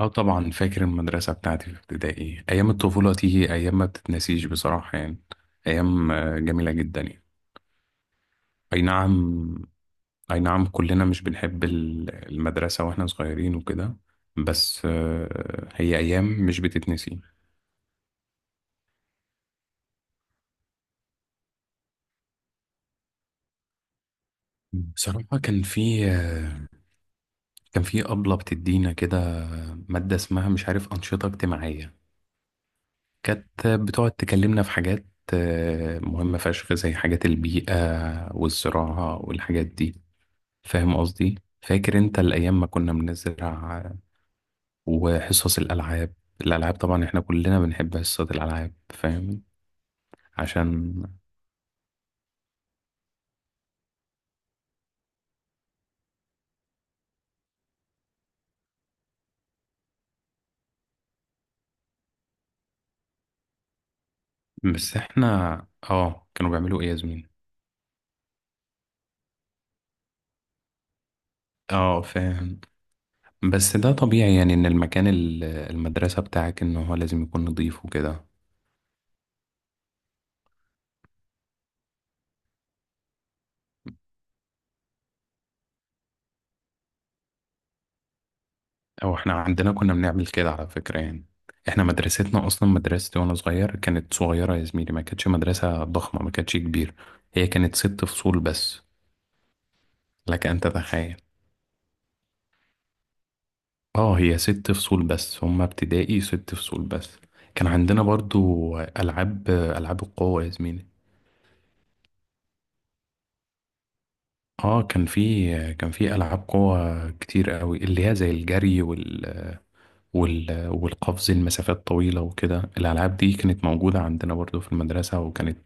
اه، طبعا فاكر المدرسة بتاعتي في ابتدائي. أيام الطفولة دي أيام ما بتتنسيش بصراحة يعني. أيام جميلة جدا يعني. أي نعم. أي نعم، كلنا مش بنحب المدرسة وإحنا صغيرين وكده. بس هي أيام مش بتتنسي. بصراحة كان في أبلة بتدينا كده مادة اسمها مش عارف أنشطة اجتماعية. كانت بتقعد تكلمنا في حاجات مهمة فشخ، زي حاجات البيئة والزراعة والحاجات دي، فاهم قصدي؟ فاكر انت الايام ما كنا بنزرع وحصص الالعاب. الالعاب طبعا احنا كلنا بنحب حصص الالعاب، فاهم؟ عشان بس احنا اه، كانوا بيعملوا ايه يا زميلي؟ اه فاهم. بس ده طبيعي يعني، ان المكان المدرسة بتاعك ان هو لازم يكون نظيف وكده. او احنا عندنا كنا بنعمل كده على فكرة يعني. احنا مدرستنا اصلا مدرستي وانا صغير كانت صغيرة يا زميلي، ما كانتش مدرسة ضخمة، ما كانتش كبيرة. هي كانت ست فصول بس. لك ان تتخيل. اه، هي ست فصول بس، هما ابتدائي ست فصول بس. كان عندنا برضو ألعاب القوة يا زميلي. اه، كان في ألعاب قوة كتير قوي، اللي هي زي الجري والقفز المسافات طويلة وكده. الألعاب دي كانت موجودة عندنا برضو في المدرسة، وكانت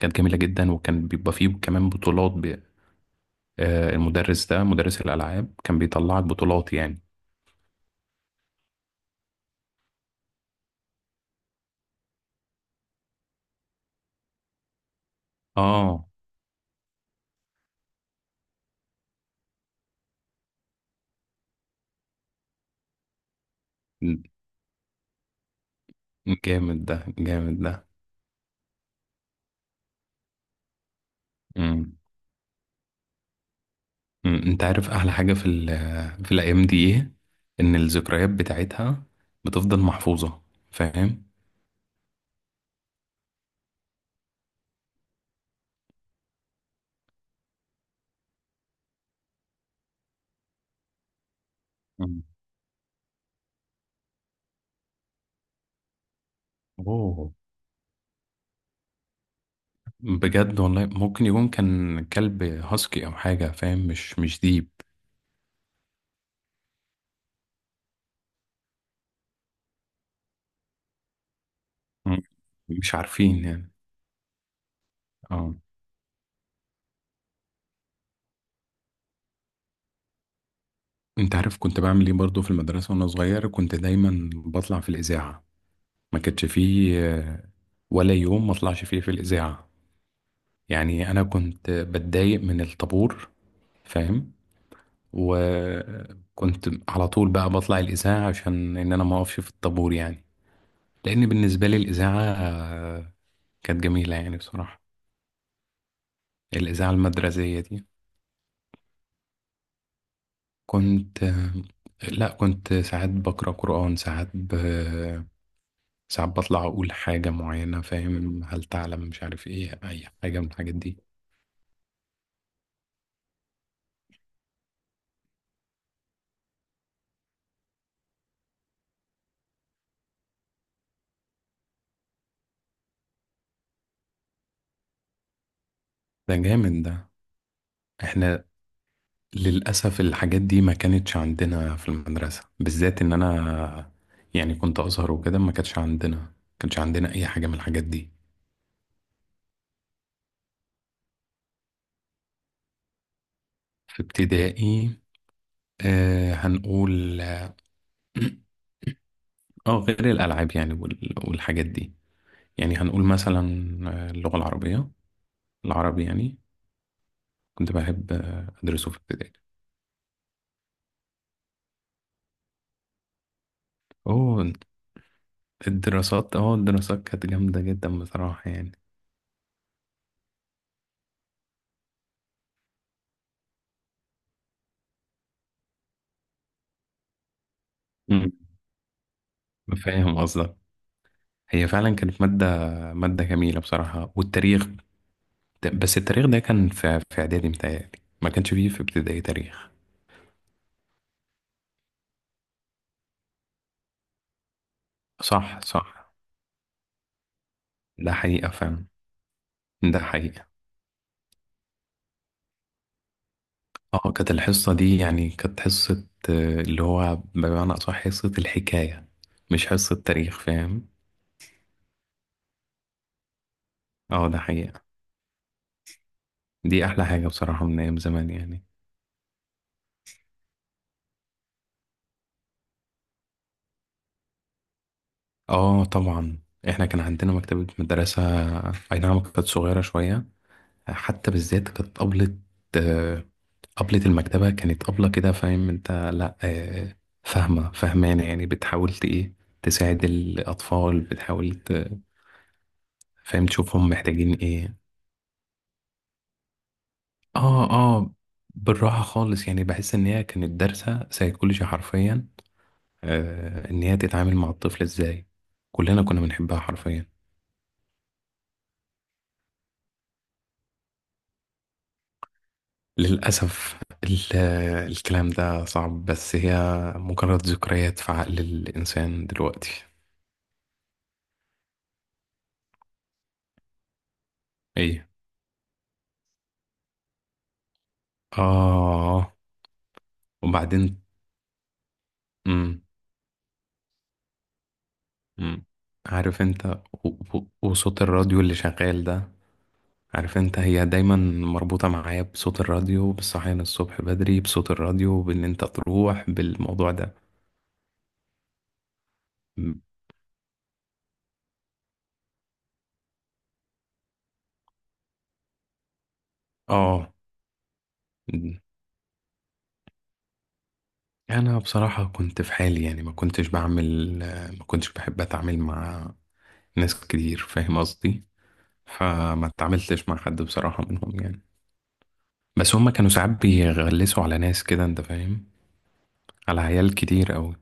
جميلة جدا، وكان بيبقى فيه كمان بطولات ب... آه، المدرس ده مدرس الألعاب كان بيطلعك بطولات يعني. اه جامد ده، جامد ده. مم. انت عارف احلى حاجة في في الايام دي ايه؟ ان الذكريات بتاعتها بتفضل محفوظة، فاهم؟ مم. اوه. بجد والله، ممكن يكون كان كلب هاسكي او حاجة، فاهم، مش ديب. مم. مش عارفين يعني. اه. انت عارف كنت بعمل ايه برضو في المدرسة وانا صغير؟ كنت دايما بطلع في الإذاعة. ما كانش فيه ولا يوم ما اطلعش فيه في الإذاعة. يعني انا كنت بتضايق من الطابور، فاهم؟ وكنت على طول بقى بطلع الإذاعة عشان إن أنا ما أقفش في الطابور يعني. لأن بالنسبة لي الإذاعة كانت جميلة يعني بصراحة. الإذاعة المدرسية دي. كنت آه، لا، كنت ساعات بقرأ قرآن، ساعات بطلع أقول حاجة معينة، فاهم، هل تعلم، مش عارف إيه، أي حاجة من الحاجات دي. ده جامد ده. إحنا للأسف الحاجات دي ما كانتش عندنا في المدرسة، بالذات إن أنا يعني كنت أزهر وكده. ما كانش عندنا أي حاجة من الحاجات دي. في ابتدائي؟ هنقول. اه، غير الألعاب يعني والحاجات دي. يعني هنقول مثلا اللغة العربية، العربي يعني. كنت بحب أدرسه في ابتدائي. أوه. الدراسات، الدراسات كانت جامدة جدا بصراحة يعني. مم. فاهم قصدك. هي فعلا كانت مادة، جميلة بصراحة. والتاريخ، بس التاريخ ده كان في اعدادي متهيألي، ما كانش فيه في ابتدائي تاريخ. صح، صح، ده حقيقة فعلا. ده حقيقة. اه كانت الحصة دي يعني كانت حصة اللي هو بمعنى أصح حصة الحكاية، مش حصة تاريخ، فاهم؟ اه ده حقيقة. دي أحلى حاجة بصراحة من أيام زمان يعني. اه طبعا، احنا كان عندنا مكتبة مدرسة. أي نعم، كانت صغيرة شوية. حتى بالذات كانت أبلة طبلة المكتبة، كانت طبلة كده، فاهم انت، لا فاهمة فاهمانة يعني، بتحاول ايه، تساعد الأطفال، بتحاول فاهم، تشوفهم محتاجين ايه. اه اه. بالراحة خالص يعني. بحس ان هي كانت دارسة سيكولوجي حرفيا. ان هي تتعامل مع الطفل ازاي. كلنا كنا بنحبها حرفيا. للأسف الكلام ده صعب، بس هي مجرد ذكريات في عقل الإنسان دلوقتي. ايه؟ اه. وبعدين؟ مم. عارف انت، و- وصوت الراديو اللي شغال ده. عارف انت، هي دايما مربوطة معايا بصوت الراديو، بالصحيان الصبح بدري بصوت الراديو، بان انت تروح بالموضوع ده. م- اه. م- انا بصراحة كنت في حالي يعني، ما كنتش بحب اتعامل مع ناس كتير، فاهم قصدي؟ فما اتعاملتش مع حد بصراحة منهم يعني. بس هما كانوا ساعات بيغلسوا على ناس كده، انت فاهم، على عيال كتير قوي.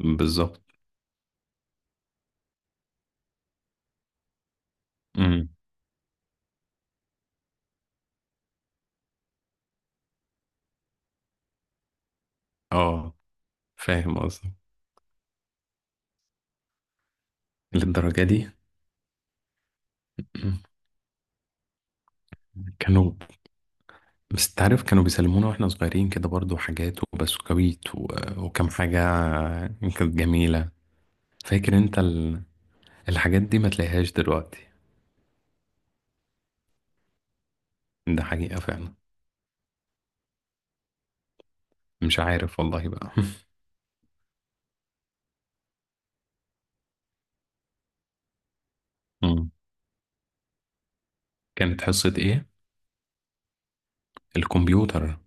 بالظبط. امم اه فاهم قصدي. للدرجة دي؟ م- كانوا بس تعرف، كانوا بيسلمونا واحنا صغيرين كده برضو حاجات وبسكويت وكم حاجة، كانت جميلة. فاكر انت الحاجات دي ما تلاقيهاش دلوقتي. ده حقيقة فعلا. مش عارف والله بقى. مم. كانت حصة ايه؟ الكمبيوتر.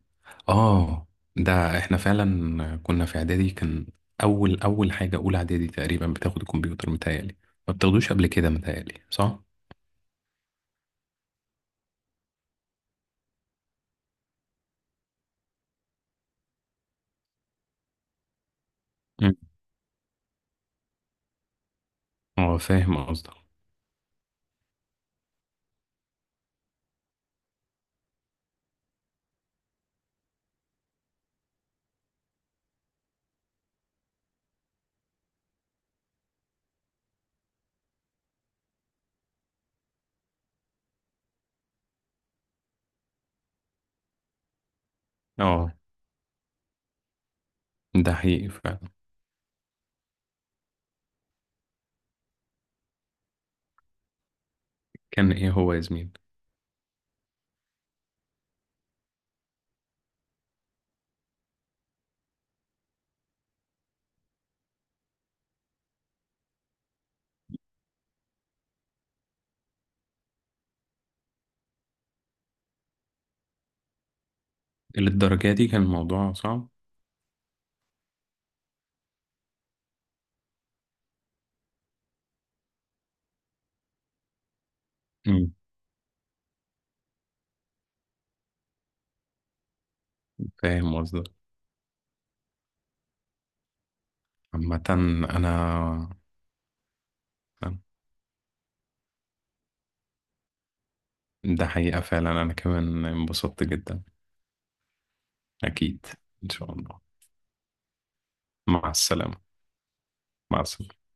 اه. ده احنا فعلا كنا في اعدادي. اول، اول حاجة اولى اعدادي تقريبا بتاخد الكمبيوتر متهيألي، ما بتاخدوش قبل كده متهيألي، صح؟ مم. اه فاهم قصدك. اه ده حقيقي فعلا. كان ايه هو يا زميل؟ للدرجة دي كان الموضوع صعب؟ مم. فاهم قصدك. عامة. انا ده حقيقة فعلا، انا كمان انبسطت جدا. اكيد. ان شاء الله. مع السلامة. مع السلامة.